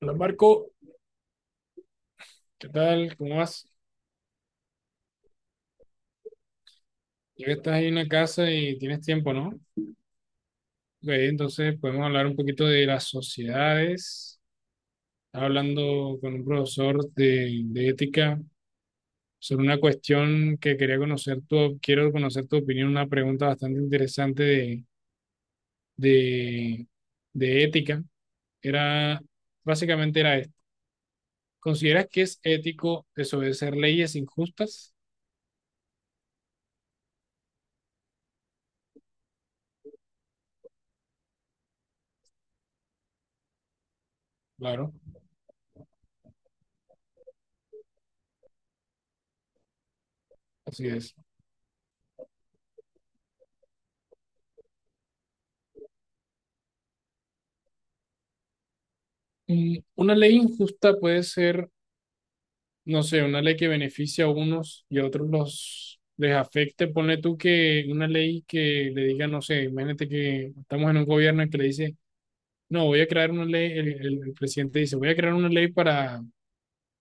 Hola Marco, ¿qué tal? ¿Cómo vas? Ya que estás ahí en la casa y tienes tiempo, ¿no? Ok, entonces podemos hablar un poquito de las sociedades. Estaba hablando con un profesor de ética sobre una cuestión que quería conocer tu, quiero conocer tu opinión, una pregunta bastante interesante de, de ética. Era, básicamente era esto. ¿Consideras que es ético desobedecer leyes injustas? Claro, así es. Una ley injusta puede ser no sé, una ley que beneficie a unos y a otros los les afecte, ponle tú que una ley que le diga, no sé, imagínate que estamos en un gobierno que le dice, no, voy a crear una ley, el presidente dice, voy a crear una ley para,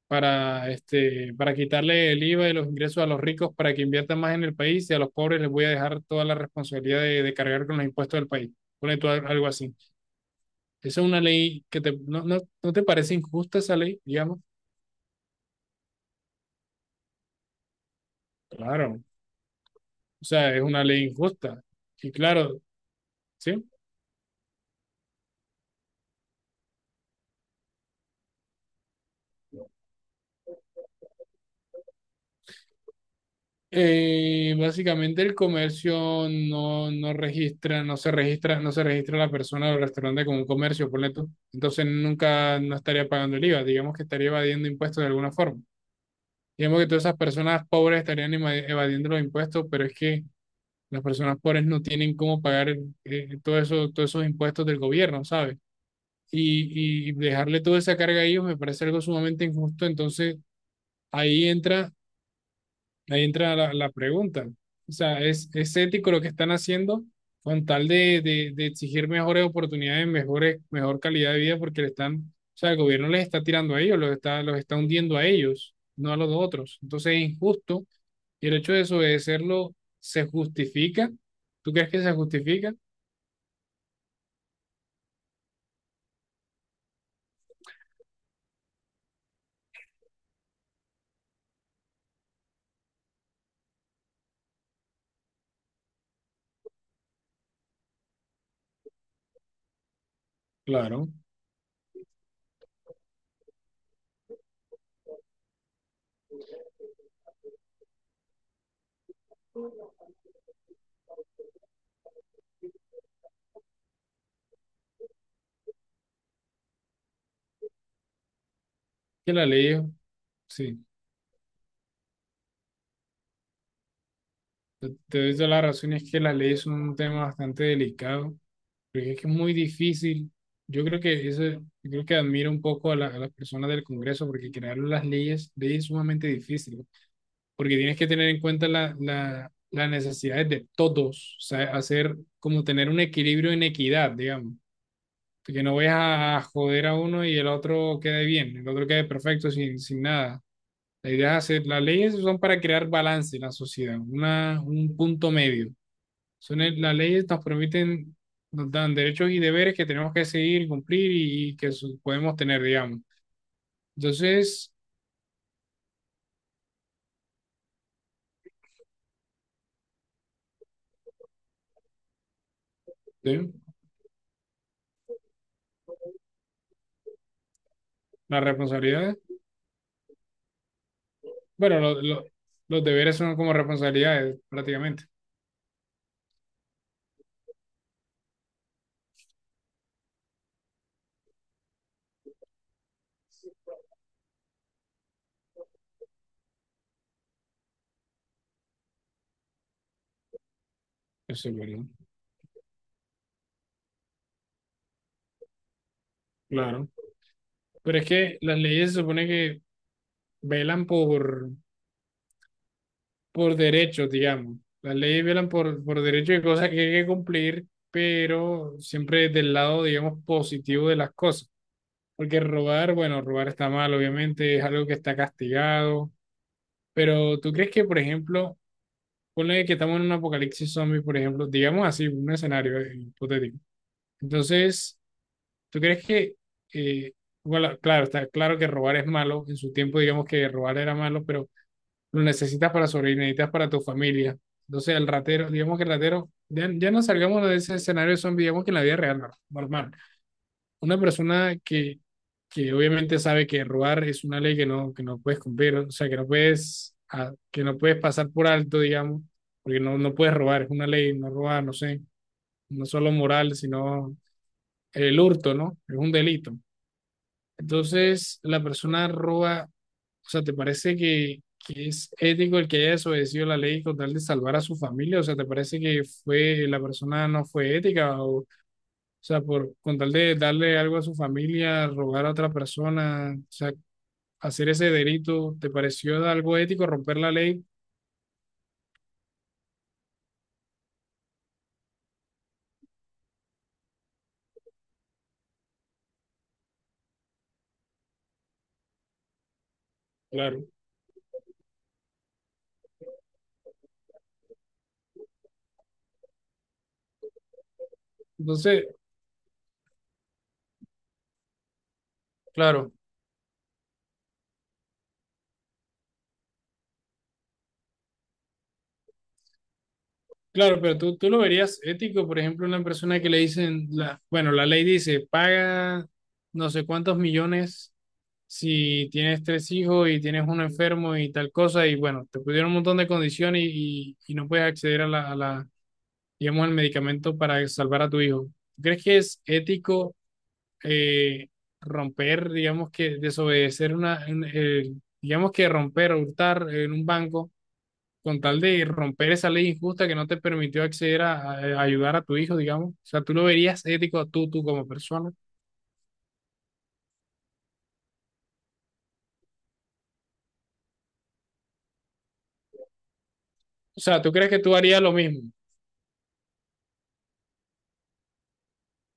para, este, para quitarle el IVA y los ingresos a los ricos para que inviertan más en el país y a los pobres les voy a dejar toda la responsabilidad de cargar con los impuestos del país. Ponle tú al- algo así. Esa es una ley que te, no, no, ¿no te parece injusta esa ley, digamos? Claro, o sea, es una ley injusta. Y claro, ¿sí? Básicamente el comercio no se registra, no se registra la persona del restaurante como un comercio, ponle tú. Entonces nunca no estaría pagando el IVA, digamos que estaría evadiendo impuestos de alguna forma. Digamos que todas esas personas pobres estarían eva- evadiendo los impuestos, pero es que las personas pobres no tienen cómo pagar todo eso, todos esos impuestos del gobierno, ¿sabes? Y dejarle toda esa carga a ellos me parece algo sumamente injusto, entonces ahí entra. Ahí entra la pregunta. O sea, es ético lo que están haciendo con tal de exigir mejores oportunidades, mejores, mejor calidad de vida? Porque le están, o sea, el gobierno les está tirando a ellos, los está hundiendo a ellos, no a los otros. Entonces es injusto y el hecho de desobedecerlo se justifica. ¿Tú crees que se justifica? Claro, que la ley, es- sí, te doy toda la razón, es que las leyes son un tema bastante delicado. Porque es que es muy difícil. Yo creo que eso, yo creo que admiro un poco a, la- a las personas del Congreso porque crear las leyes, leyes es sumamente difícil, ¿no? Porque tienes que tener en cuenta la, la- las necesidades de todos, o sea, hacer como tener un equilibrio en equidad, digamos, que no vayas a joder a uno y el otro quede bien, el otro quede perfecto sin, sin nada. La idea es hacer, las leyes son para crear balance en la sociedad, una, un punto medio. Son el- las leyes nos permiten, nos dan derechos y deberes que tenemos que seguir, y cumplir y que su- podemos tener, digamos. Entonces, sí, las responsabilidades, bueno, los deberes son como responsabilidades prácticamente. Eso es verdad. Claro. Pero es que las leyes se supone que velan por derechos, digamos. Las leyes velan por derechos y cosas que hay que cumplir, pero siempre del lado, digamos, positivo de las cosas. Porque robar, bueno, robar está mal, obviamente, es algo que está castigado. Pero ¿tú crees que, por ejemplo, ponle que estamos en un apocalipsis zombie, por ejemplo, digamos así, un escenario hipotético. Entonces, ¿tú crees que, eh, bueno, claro, está claro que robar es malo, en su tiempo digamos que robar era malo, pero lo necesitas para sobrevivir, necesitas para tu familia. Entonces, el ratero, digamos que el ratero, ya, ya no salgamos de ese escenario zombie, digamos que en la vida real, no, normal. Una persona que obviamente sabe que robar es una ley que no puedes cumplir, o sea, que no puedes, ah, que no puedes pasar por alto, digamos, porque no, no puedes robar, es una ley, no robar, no sé, no solo moral, sino el hurto, ¿no? Es un delito. Entonces, la persona roba, o sea, ¿te parece que es ético el que haya desobedecido la ley con tal de salvar a su familia? O sea, ¿te parece que fue, la persona no fue ética o sea, por con tal de darle algo a su familia, rogar a otra persona, o sea, hacer ese delito, ¿te pareció algo ético romper la ley? Claro. Entonces, claro, claro, pero tú lo verías ético, por ejemplo, una persona que le dicen, la, bueno, la ley dice, paga no sé cuántos millones si tienes tres hijos y tienes uno enfermo y tal cosa, y bueno, te pusieron un montón de condiciones y no puedes acceder a digamos, al medicamento para salvar a tu hijo. ¿Tú ¿crees que es ético? eh, romper, digamos que desobedecer una, un- digamos que romper o hurtar en un banco con tal de romper esa ley injusta que no te permitió acceder a ayudar a tu hijo, digamos. O sea, tú lo verías ético tú, tú como persona. O sea, tú crees que tú harías lo mismo,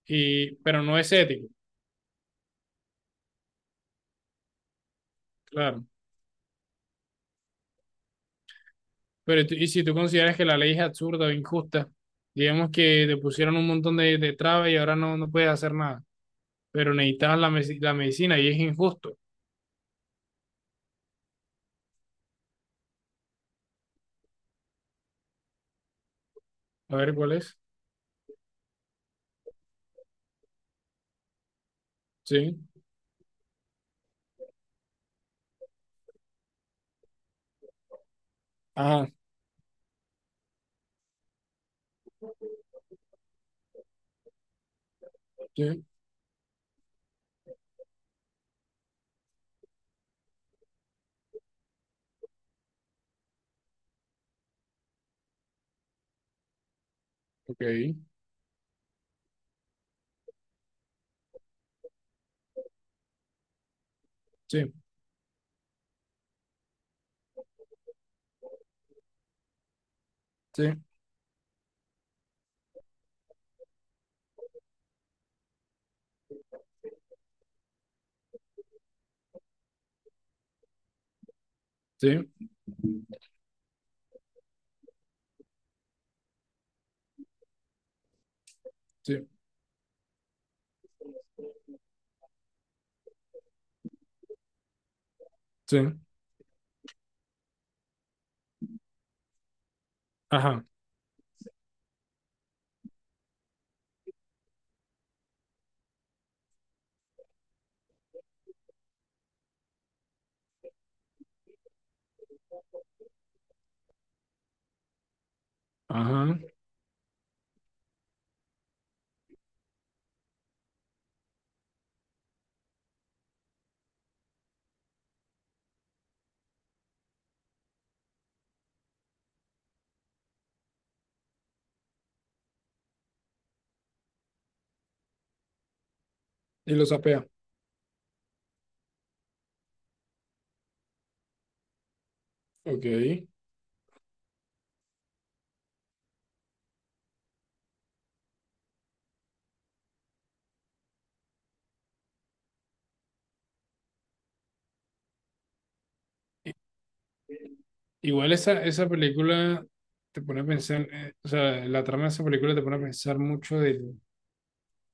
y, pero no es ético, claro. Pero tú- y si tú consideras que la ley es absurda o injusta, digamos que te pusieron un montón de trabas y ahora no, no puedes hacer nada, pero necesitabas la, meci- la medicina y es injusto. A ver cuál es. Sí. Ajá, sí, ok, sí, sí, sí, sí, sí, ajá, ajá, y lo sapea, ok. Igual esa, esa película te pone a pensar, o sea, la trama de esa película te pone a pensar mucho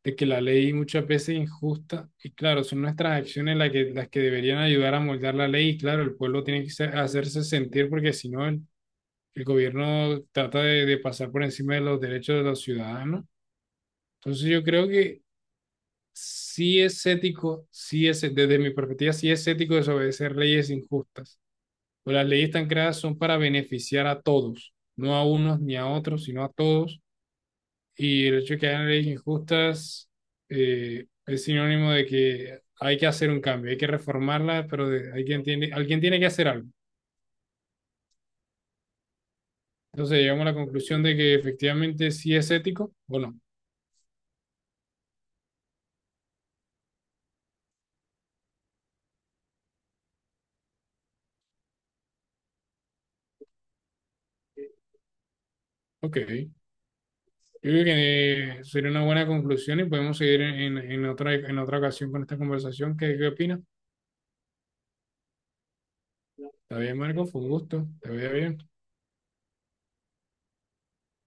de que la ley muchas veces es injusta, y claro, son nuestras acciones las que deberían ayudar a moldear la ley, y claro, el pueblo tiene que ser- hacerse sentir porque si no, el gobierno trata de pasar por encima de los derechos de los ciudadanos. Entonces yo creo que sí es ético, sí es, desde mi perspectiva, sí es ético desobedecer leyes injustas. Pues las leyes tan creadas son para beneficiar a todos, no a unos ni a otros, sino a todos. Y el hecho de que hayan leyes injustas es sinónimo de que hay que hacer un cambio, hay que reformarla, pero de- alguien tiene que hacer algo. Entonces llegamos a la conclusión de que efectivamente sí es ético o no. Ok. Yo creo que sería una buena conclusión y podemos seguir en otra ocasión con esta conversación. ¿Qué, qué opinas? Está bien, Marco, fue un gusto. Te veo bien.